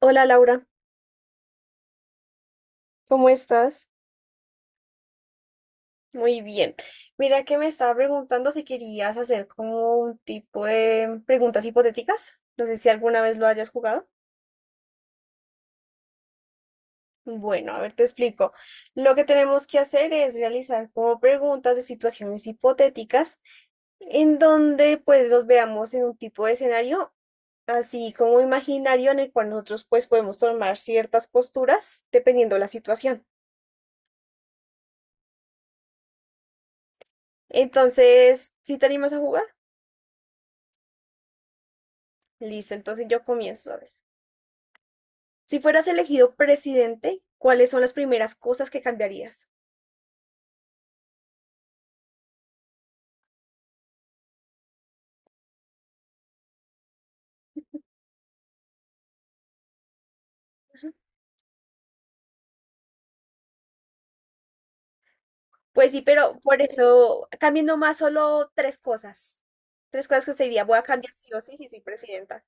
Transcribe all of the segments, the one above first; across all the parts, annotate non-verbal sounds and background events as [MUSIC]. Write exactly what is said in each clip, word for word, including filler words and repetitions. Hola Laura, ¿cómo estás? Muy bien. Mira que me estaba preguntando si querías hacer como un tipo de preguntas hipotéticas. No sé si alguna vez lo hayas jugado. Bueno, a ver, te explico. Lo que tenemos que hacer es realizar como preguntas de situaciones hipotéticas en donde pues los veamos en un tipo de escenario así como imaginario en el cual nosotros pues podemos tomar ciertas posturas dependiendo la situación. Entonces, ¿si te animas a jugar? Listo, entonces yo comienzo. A ver. Si fueras elegido presidente, ¿cuáles son las primeras cosas que cambiarías? Ujú. Pues sí, pero por eso cambien nomás solo tres cosas. Tres cosas que usted diría, voy a cambiar sí o sí si soy presidenta.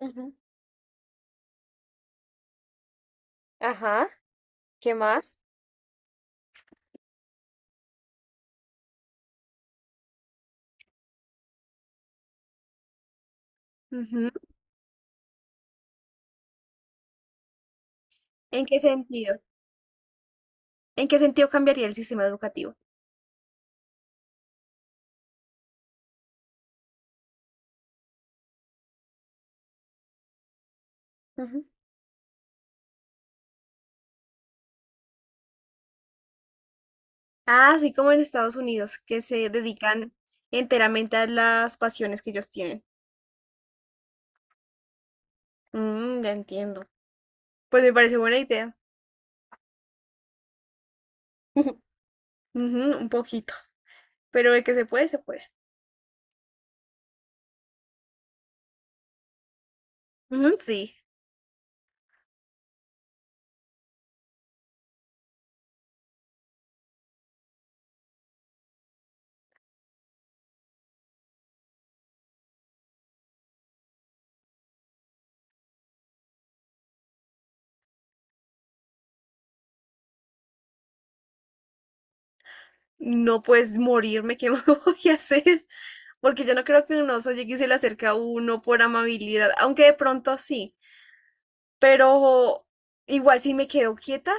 Ujú. Ajá, ¿qué más? Ujú. ¿En qué sentido? ¿En qué sentido cambiaría el sistema educativo? Ujú. Ah, así como en Estados Unidos, que se dedican enteramente a las pasiones que ellos tienen. Mm, ya entiendo. Pues me parece buena idea. [LAUGHS] Ujú, un poquito. Pero de que se puede, se puede. Ujú, sí. No puedes morirme, ¿qué más [LAUGHS] voy a hacer? Porque yo no creo que un oso llegue y se le acerque a uno por amabilidad, aunque de pronto sí. Pero igual si me quedo quieta,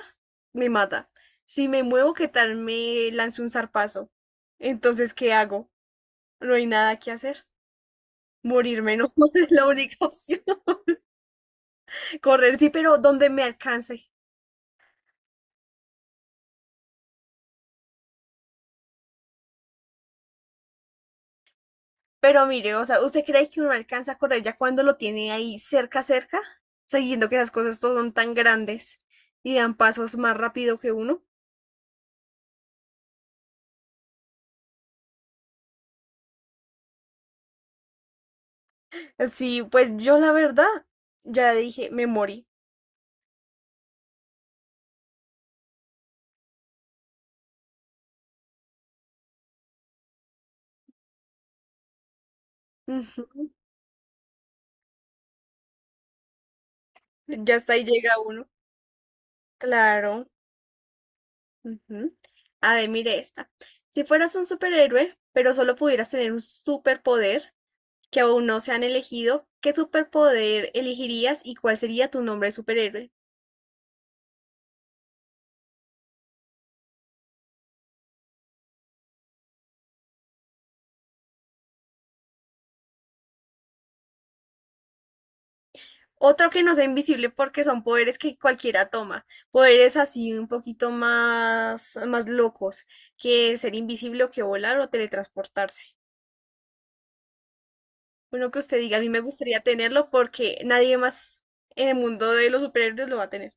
me mata. Si me muevo, ¿qué tal me lanzo un zarpazo? Entonces, ¿qué hago? No hay nada que hacer. Morirme no [LAUGHS] es la única opción. Correr sí, pero donde me alcance. Pero mire, o sea, ¿usted cree que uno alcanza a correr ya cuando lo tiene ahí cerca, cerca? Sabiendo que esas cosas todas son tan grandes y dan pasos más rápido que uno. Sí, pues yo la verdad ya dije, me morí. Ujú, ya hasta ahí llega uno. Claro. Ujú. A ver, mire esta. Si fueras un superhéroe, pero solo pudieras tener un superpoder que aún no se han elegido, ¿qué superpoder elegirías y cuál sería tu nombre de superhéroe? Otro que no sea invisible porque son poderes que cualquiera toma, poderes así un poquito más, más locos que ser invisible o que volar o teletransportarse. Uno que usted diga, a mí me gustaría tenerlo porque nadie más en el mundo de los superhéroes lo va a tener.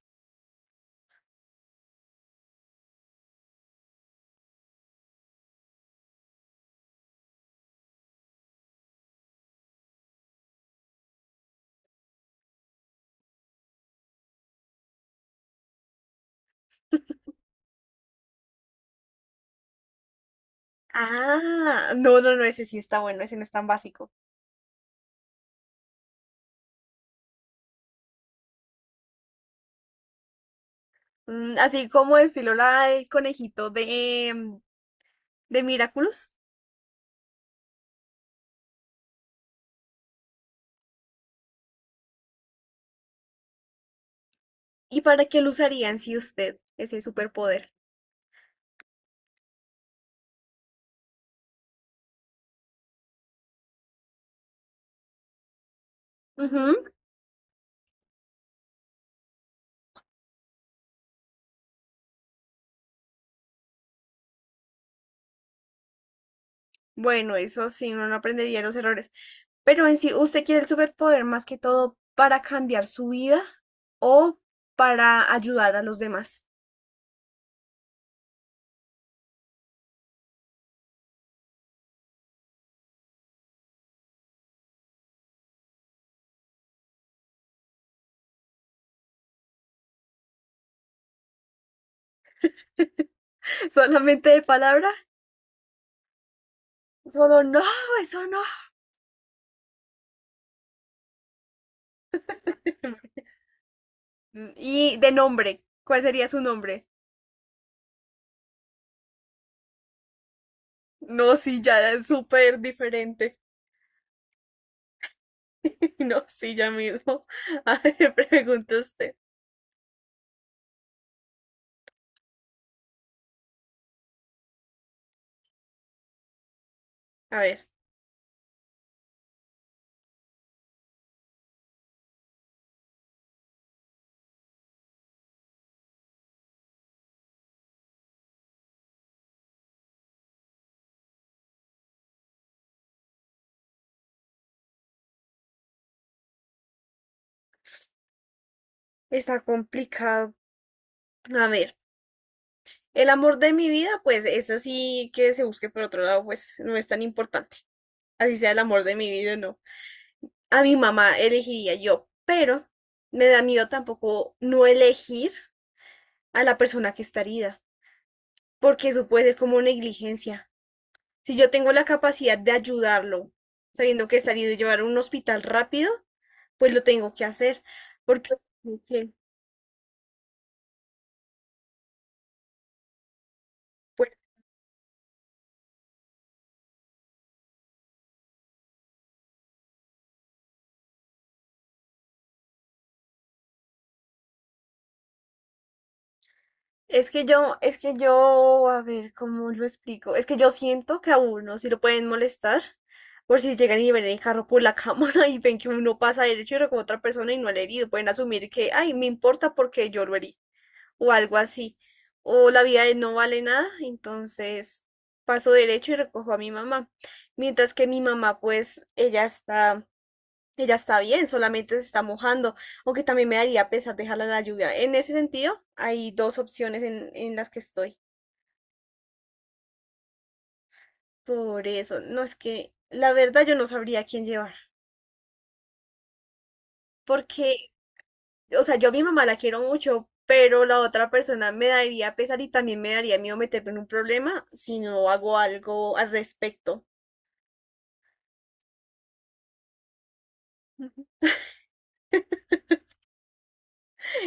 Ah, no, no, no, ese sí está bueno, ese no es tan básico. Mm, así como estilo la del conejito de, mm, de Miraculous. ¿Y para qué lo usarían si usted ese superpoder? Ujú. Bueno, eso sí, uno no aprendería los errores. Pero en sí, ¿usted quiere el superpoder más que todo para cambiar su vida o para ayudar a los demás? [LAUGHS] ¿Solamente de palabra? Solo no, eso no. [LAUGHS] Y de nombre, ¿cuál sería su nombre? No, sí, ya es súper diferente. [LAUGHS] No, sí, ya mismo. [LAUGHS] A ver, pregunta usted. A ver, está complicado. A ver, el amor de mi vida, pues eso sí que se busque por otro lado, pues no es tan importante. Así sea el amor de mi vida, no. A mi mamá elegiría yo, pero me da miedo tampoco no elegir a la persona que está herida, porque eso puede ser como negligencia. Si yo tengo la capacidad de ayudarlo, sabiendo que está herido y llevarlo a un hospital rápido, pues lo tengo que hacer, porque pues, Es que yo, es que yo, a ver, ¿cómo lo explico? Es que yo siento que a uno si lo pueden molestar por si llegan y ven el carro por la [LAUGHS] cámara y ven que uno pasa derecho y recoge a otra persona y no le ha herido. Pueden asumir que, ay, me importa porque yo lo herí o algo así. O la vida de él no vale nada, entonces paso derecho y recojo a mi mamá. Mientras que mi mamá, pues, ella está ella está bien, solamente se está mojando, aunque también me daría pesar dejarla en la lluvia. En ese sentido, hay dos opciones en, en las que estoy. Por eso, no es que la verdad yo no sabría a quién llevar. Porque, o sea, yo a mi mamá la quiero mucho, pero la otra persona me daría pesar y también me daría miedo meterme en un problema si no hago algo al respecto. [LAUGHS]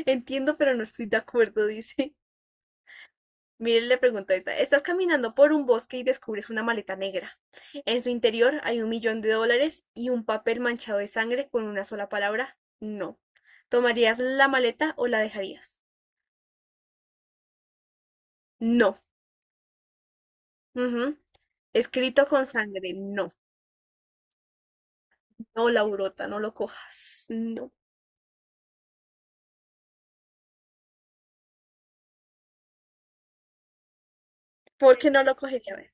Entiendo, pero no estoy de acuerdo, [LAUGHS] dice. Miren, le preguntó a esta, estás caminando por un bosque y descubres una maleta negra. En su interior hay un millón de dólares y un papel manchado de sangre con una sola palabra, no. ¿Tomarías la maleta o la dejarías? No. Ujú. Escrito con sangre, no. No, Laurota, no lo cojas. No. ¿Por qué no lo cogería? A ver.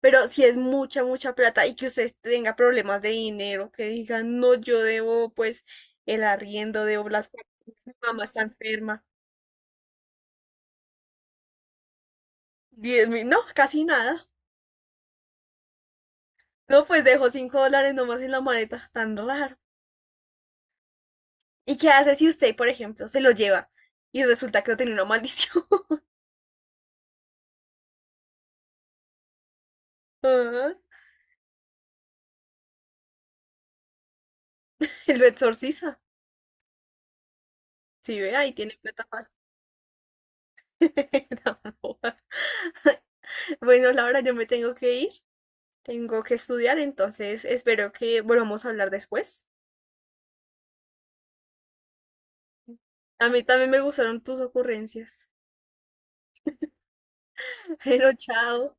Pero si es mucha, mucha plata y que usted tenga problemas de dinero, que diga, no, yo debo pues el arriendo, debo las facturas, mi mamá está enferma. Diez mil, no, casi nada. No, pues dejó cinco dólares nomás en la maleta, tan raro. ¿Y qué hace si usted, por ejemplo, se lo lleva y resulta que no tiene una maldición? [LAUGHS] Ajá, y lo exorciza. Sí, ve, ahí tiene plata fácil. [LAUGHS] No, joda. [LAUGHS] Bueno, Laura, yo me tengo que ir, tengo que estudiar, entonces espero que volvamos a hablar después. A mí también me gustaron tus ocurrencias. [LAUGHS] Pero chao.